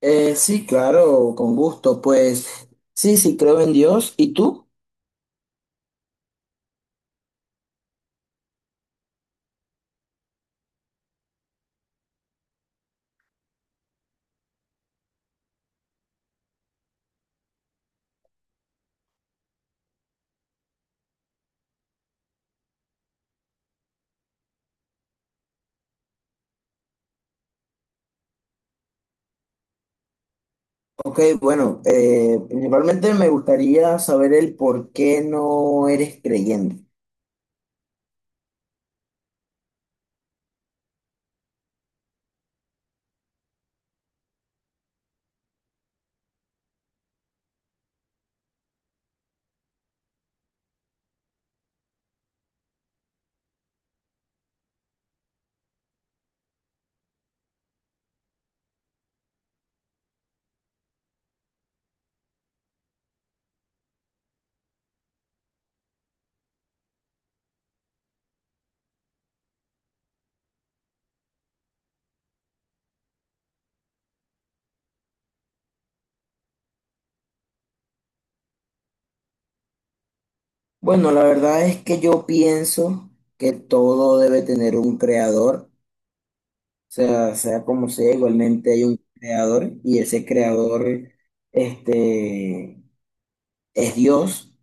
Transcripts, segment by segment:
Sí, claro, con gusto. Pues sí, sí, creo en Dios. ¿Y tú? Ok, bueno, principalmente me gustaría saber el por qué no eres creyente. Bueno, la verdad es que yo pienso que todo debe tener un creador, o sea, sea como sea, igualmente hay un creador y ese creador, este, es Dios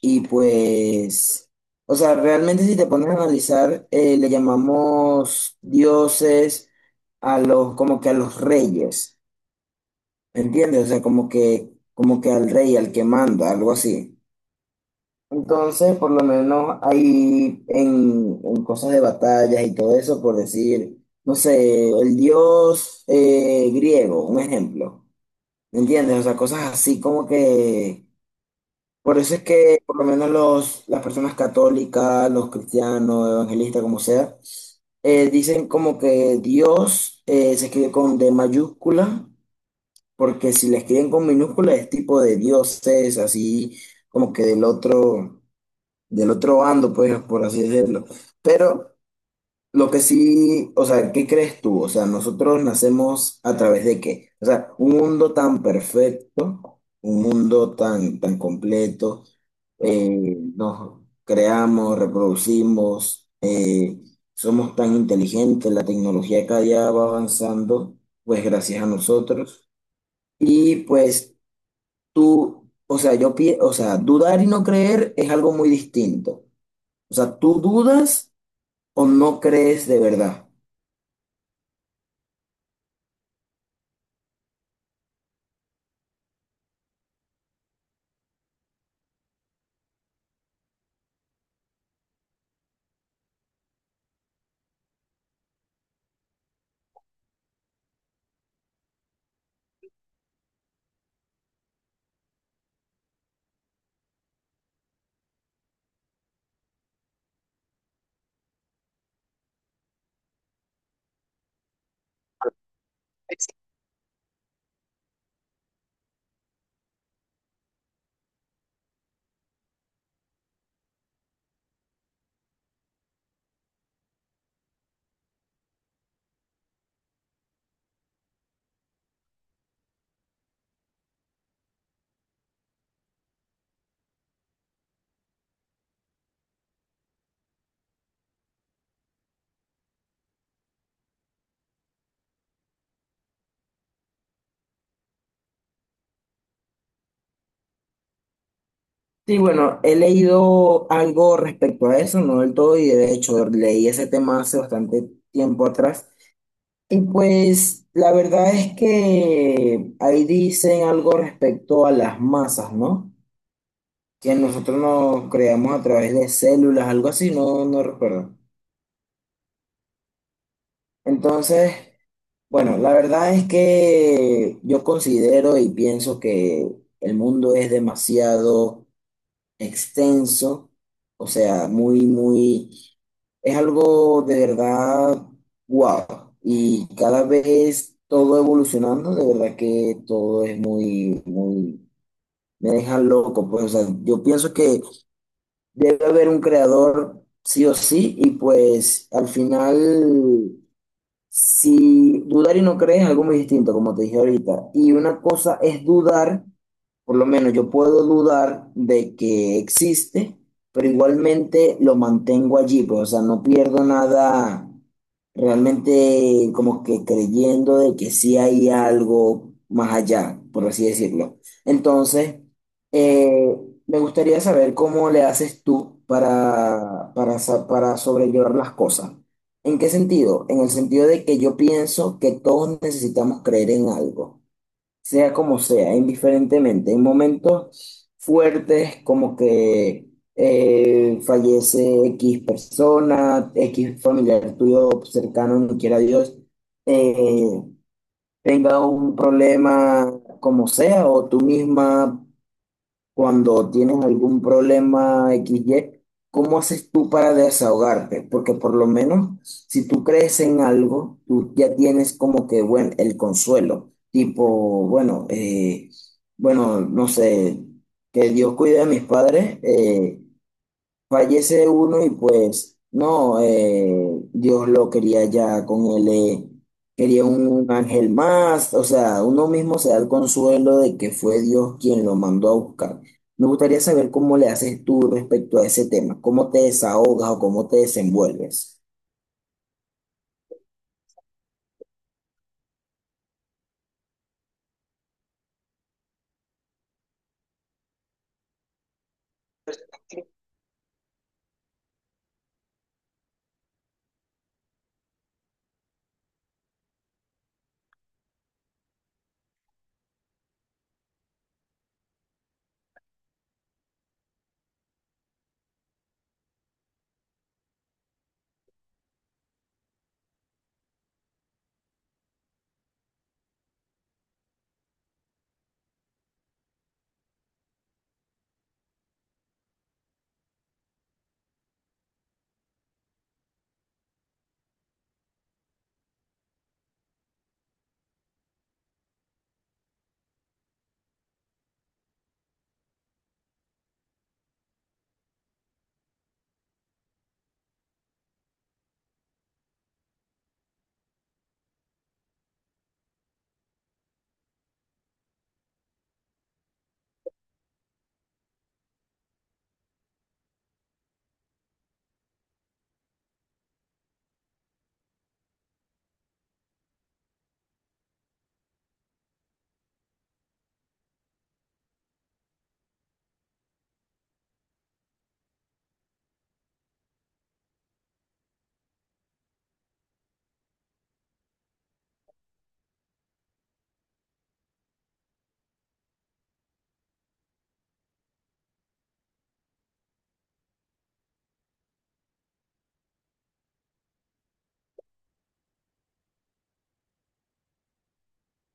y pues, o sea, realmente si te pones a analizar, le llamamos dioses a los, como que a los reyes, ¿me entiendes? O sea, como que al rey, al que manda, algo así. Entonces, por lo menos hay en cosas de batallas y todo eso, por decir, no sé, el dios griego, un ejemplo, ¿me entiendes? O sea, cosas así como que por eso es que por lo menos los, las personas católicas, los cristianos, evangelistas, como sea, dicen como que Dios se escribe con D mayúscula, porque si le escriben con minúscula es tipo de dioses, así como que del otro bando, pues, por así decirlo. Pero lo que sí, o sea, ¿qué crees tú? O sea, ¿nosotros nacemos a través de qué? O sea, un mundo tan perfecto, un mundo tan, tan completo, nos creamos, reproducimos, somos tan inteligentes, la tecnología cada día va avanzando, pues gracias a nosotros. Y pues tú, o sea, o sea, dudar y no creer es algo muy distinto. O sea, ¿tú dudas o no crees de verdad? Sí, bueno, he leído algo respecto a eso, no del todo, y de hecho leí ese tema hace bastante tiempo atrás. Y pues la verdad es que ahí dicen algo respecto a las masas, ¿no? Que nosotros nos creamos a través de células, algo así, no, no recuerdo. Entonces, bueno, la verdad es que yo considero y pienso que el mundo es demasiado extenso, o sea, muy, muy, es algo de verdad guau. Y cada vez todo evolucionando, de verdad que todo es muy, muy, me deja loco. Pues, o sea, yo pienso que debe haber un creador sí o sí, y pues al final. Si dudar y no creer es algo muy distinto, como te dije ahorita. Y una cosa es dudar, por lo menos yo puedo dudar de que existe, pero igualmente lo mantengo allí, pues, o sea, no pierdo nada realmente como que creyendo de que sí hay algo más allá, por así decirlo. Entonces, eh, me gustaría saber cómo le haces tú para sobrellevar las cosas. ¿En qué sentido? En el sentido de que yo pienso que todos necesitamos creer en algo, sea como sea, indiferentemente. En momentos fuertes como que fallece X persona, X familiar tuyo cercano, no quiera Dios, eh, tenga un problema como sea, o tú misma cuando tienes algún problema XY, ¿cómo haces tú para desahogarte? Porque por lo menos si tú crees en algo, tú ya tienes como que, bueno, el consuelo, tipo, bueno, bueno, no sé, que Dios cuide a mis padres, fallece uno y pues no, Dios lo quería ya con él, quería un ángel más, o sea, uno mismo se da el consuelo de que fue Dios quien lo mandó a buscar. Me gustaría saber cómo le haces tú respecto a ese tema, cómo te desahogas o cómo te desenvuelves.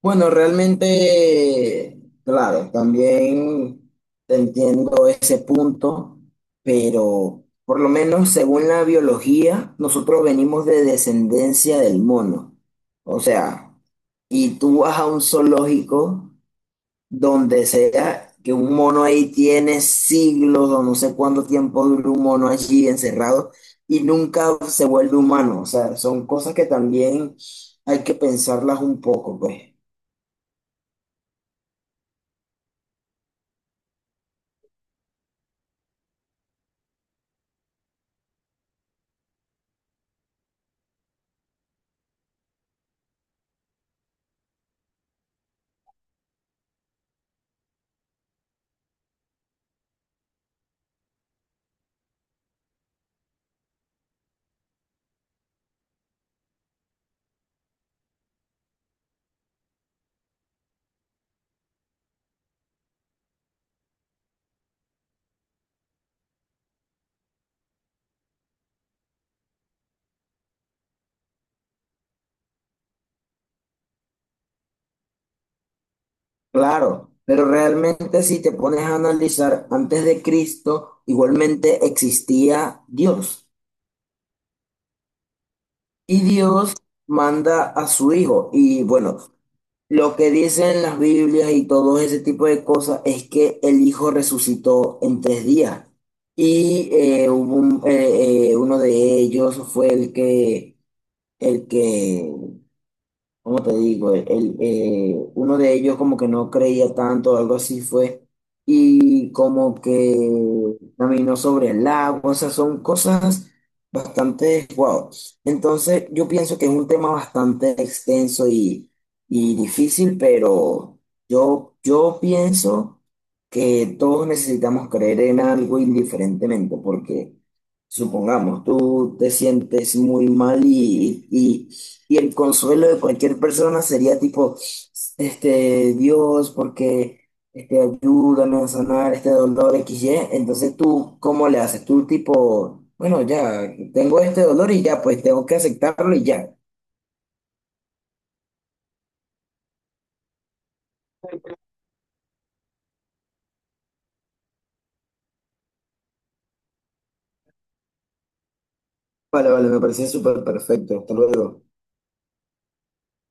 Bueno, realmente, claro, también entiendo ese punto, pero por lo menos según la biología, nosotros venimos de descendencia del mono. O sea, y tú vas a un zoológico donde sea que un mono ahí tiene siglos o no sé cuánto tiempo dura un mono allí encerrado y nunca se vuelve humano. O sea, son cosas que también hay que pensarlas un poco, pues. Claro, pero realmente si te pones a analizar, antes de Cristo igualmente existía Dios y Dios manda a su hijo. Y bueno, lo que dicen las Biblias y todo ese tipo de cosas es que el hijo resucitó en tres días. Y uno de ellos fue el que, el que ¿cómo te digo? Uno de ellos como que no creía tanto, algo así fue, y como que caminó sobre el agua, o sea, son cosas bastante, wow. Entonces yo pienso que es un tema bastante extenso y difícil, pero yo pienso que todos necesitamos creer en algo indiferentemente, porque supongamos, tú te sientes muy mal y el consuelo de cualquier persona sería tipo, Dios, porque ayúdame a sanar este dolor XY. Entonces tú, ¿cómo le haces? Tú tipo, bueno, ya, tengo este dolor y ya, pues tengo que aceptarlo y ya. Vale, vale, me parecía súper perfecto. Hasta luego.